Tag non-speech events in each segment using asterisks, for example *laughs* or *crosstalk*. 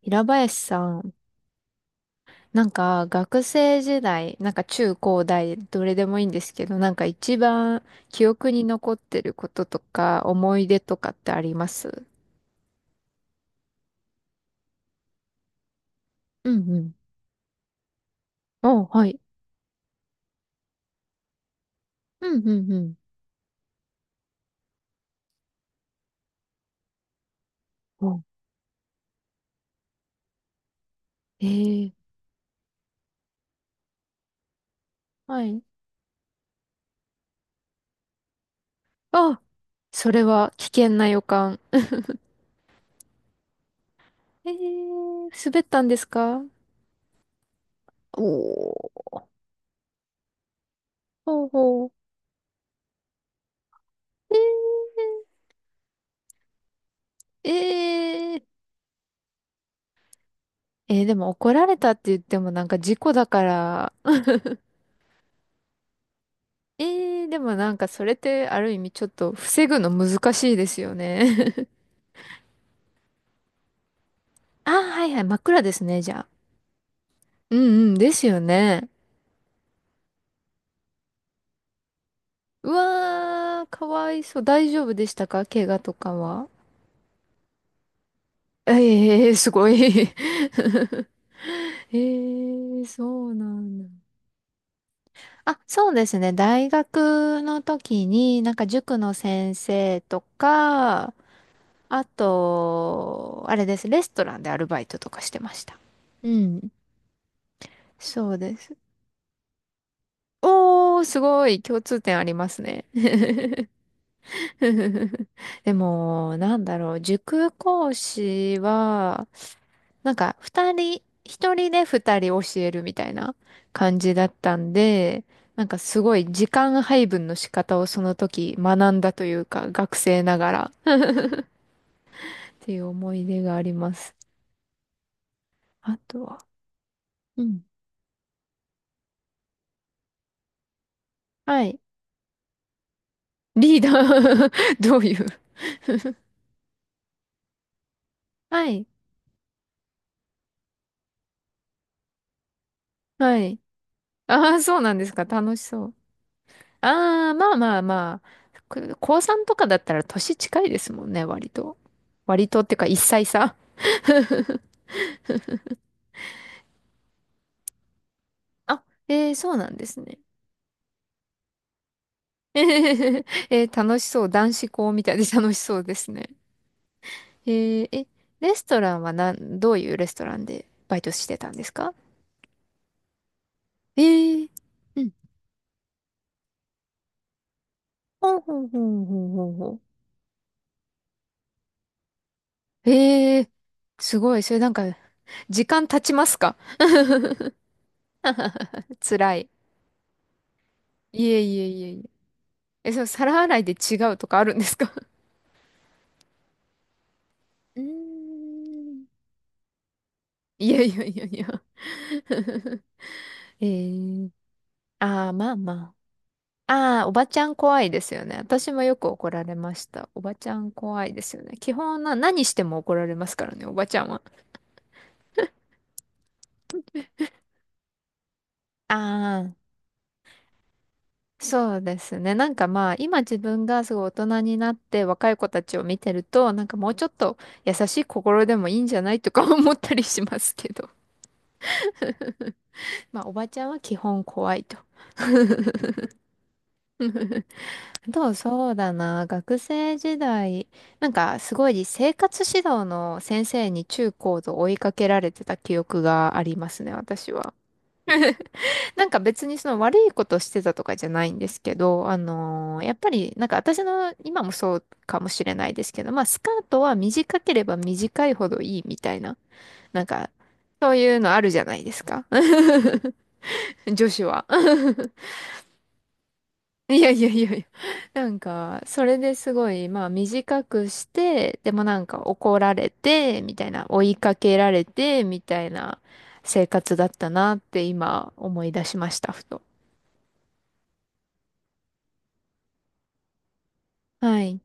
平林さん、なんか学生時代、なんか中高大、どれでもいいんですけど、なんか一番記憶に残ってることとか、思い出とかってあります？うんうん。お、はい。うんうんうん。お、ええ、はい。あ、それは危険な予感。ええ、滑ったんですか？おー、ほうほう。ええええ。えー、でも怒られたって言ってもなんか事故だから。ええ、でもなんかそれってある意味ちょっと防ぐの難しいですよね。*laughs* あ、はいはい、真っ暗ですね、じゃあ。うん。うん、ですよね。うわー、かわいそう。大丈夫でしたか、怪我とかは。ええ、すごい。*laughs* ええ、そうなんだ。あ、そうですね。大学の時に、なんか塾の先生とか、あと、あれです。レストランでアルバイトとかしてました。うん。そうです。おー、すごい共通点ありますね。*laughs* でも、なんだろう、塾講師は、なんか、二人、一人で二人教えるみたいな感じだったんで、なんかすごい時間配分の仕方をその時学んだというか、学生ながら *laughs* っていう思い出があります。あとは、うん。はい。リーダー *laughs* どういう？ *laughs* はい。はい。ああ、そうなんですか。楽しそう。ああ、まあまあまあ。く高3とかだったら年近いですもんね、割と。割とっていうか、一歳差。*laughs* あ、えー、そうなんですね。*laughs* えー、楽しそう。男子校みたいで楽しそうですね。えー、え、レストランはなん、どういうレストランでバイトしてたんですか？えー、うん。ほうほうほうほうほうほう。えー、すごい。それなんか、時間経ちますか？ *laughs* 辛い。いえいえいえいえ。え、その皿洗いで違うとかあるんですか？ *laughs* うーん。*laughs* いやいやいやいや。 *laughs* えー、ああ、まあまあ。ああ、おばちゃん怖いですよね。私もよく怒られました。おばちゃん怖いですよね。基本な、何しても怒られますからね、おばちゃんは。ああ、そうですね。なんかまあ、今自分がすごい大人になって若い子たちを見てると、なんかもうちょっと優しい心でもいいんじゃないとか *laughs* 思ったりしますけど。まあ、おばちゃんは基本怖いと。*laughs* どう、そうだな。学生時代、なんかすごい生活指導の先生に中高と追いかけられてた記憶がありますね、私は。*laughs* なんか別にその悪いことしてたとかじゃないんですけど、やっぱりなんか私の今もそうかもしれないですけど、まあスカートは短ければ短いほどいいみたいな、なんかそういうのあるじゃないですか。*laughs* 女子は。*laughs* いやいやいやいや。なんか、それですごい、まあ短くして、でもなんか怒られて、みたいな、追いかけられて、みたいな生活だったなって今思い出しました、ふと。はい。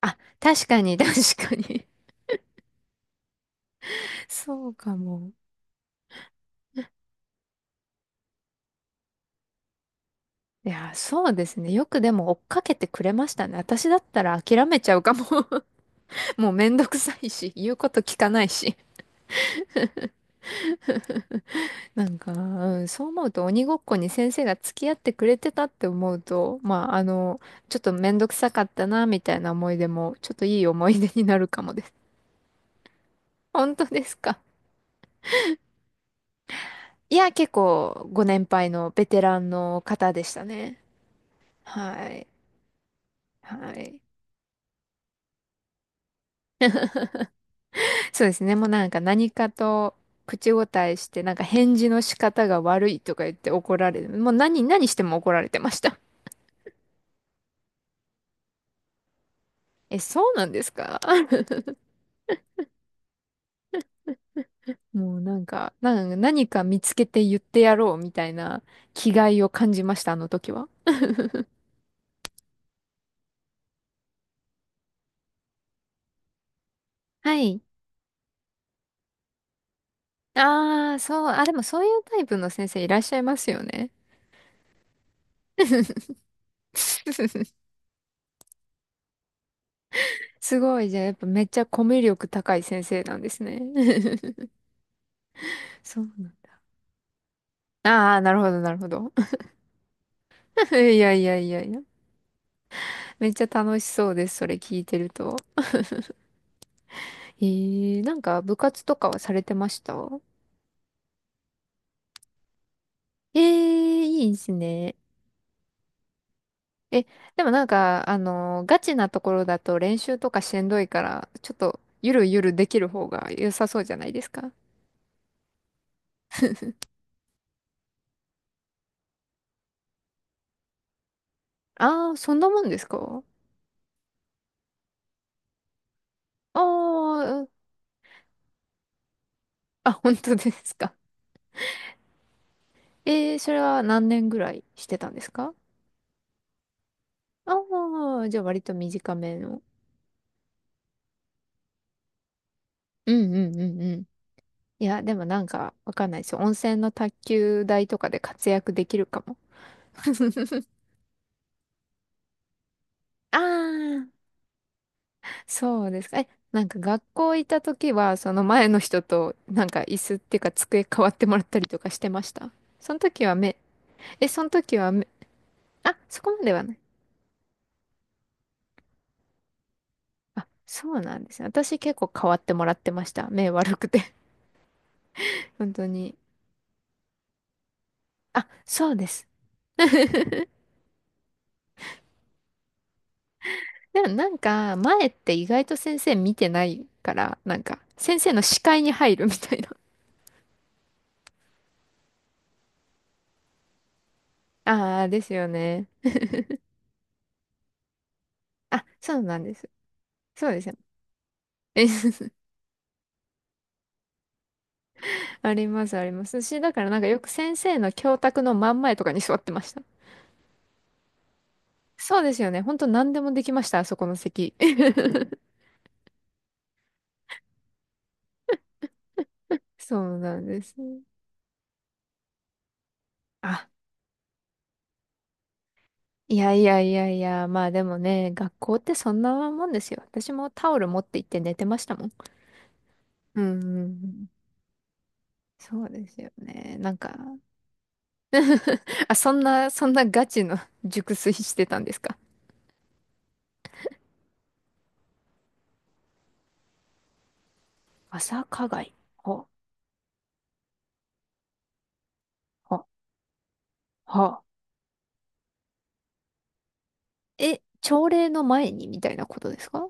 あ、確かに、確かに。*laughs* そうかも。いや、そうですね。よくでも追っかけてくれましたね。私だったら諦めちゃうかも。*laughs* もうめんどくさいし、言うこと聞かないし。なんか、うん、そう思うと鬼ごっこに先生が付き合ってくれてたって思うと、まあ、あの、ちょっとめんどくさかったな、みたいな思い出も、ちょっといい思い出になるかもです。*laughs* 本当ですか？いや、結構ご年配のベテランの方でしたね。はい。はい。そうですね。もうなんか何かと口答えして、なんか返事の仕方が悪いとか言って怒られる。もう何しても怒られてました。え、そうなんですか？ *laughs* もうなんか、なんか何か見つけて言ってやろうみたいな気概を感じました、あの時は。はい。ああ、そう、あ、でもそういうタイプの先生いらっしゃいますよね。*laughs* すごい、じゃあやっぱめっちゃコミュ力高い先生なんですね。*laughs* そうなんだ。ああ、なるほど、なるほど。*laughs* いやいやいやいや。めっちゃ楽しそうです、それ聞いてると。えー、なんか部活とかはされてました？えー、いいですね。え、でもなんか、ガチなところだと練習とかしんどいから、ちょっとゆるゆるできる方が良さそうじゃないですか。ああー、そんなもんですか？ああー、あ、本当ですか。えー、それは何年ぐらいしてたんですか？ああー、じゃあ割と短めの。うんうんうんうん。いや、でもなんかわかんないですよ。温泉の卓球台とかで活躍できるかも。*laughs* ああ。そうですか。え、なんか学校行った時は、その前の人と、なんか椅子っていうか机変わってもらったりとかしてました？その時は目、え、その時は目、あ、そこまではない。あ、そうなんですね。私結構変わってもらってました。目悪くて。*laughs* 本当に。あ、そうです。*laughs* でもなんか、前って意外と先生見てないから、なんか、先生の視界に入るみたいな。ああ、ですよね。あ、そうなんです。そうですよ。*laughs* あります、あります。だからなんかよく先生の教卓の真ん前とかに座ってました。そうですよね。ほんと何でもできました、あそこの席。*laughs* そうなんです。あ、いやいやいやいや、まあでもね、学校ってそんなもんですよ。私もタオル持って行って寝てましたもん。うんうんうん。そうですよね。なんか、あ、そんなガチの *laughs* 熟睡してたんですか？朝課外。ははは。え、朝礼の前にみたいなことですか？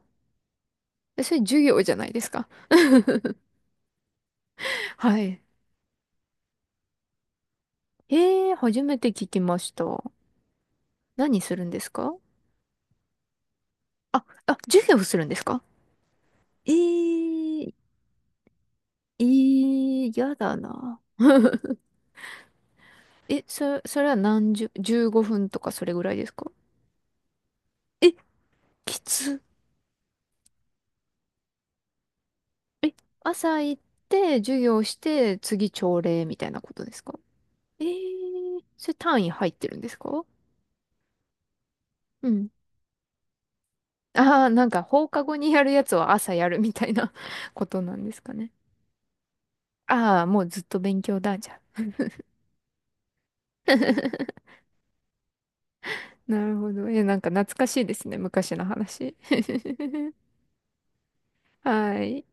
え、それ授業じゃないですか。*laughs* はい。えー、初めて聞きました。何するんですか？あ、あ、授業するんですか？えー、えー、やだな。*laughs* え、それは15分とかそれぐらいですか？え、きつ。え、朝行って授業して次朝礼みたいなことですか？えー、それ単位入ってるんですか？うん。ああ、なんか放課後にやるやつは朝やるみたいな *laughs* ことなんですかね。ああ、もうずっと勉強だ、じゃあ。*laughs* なるほど。え、なんか懐かしいですね。昔の話。*laughs* はい。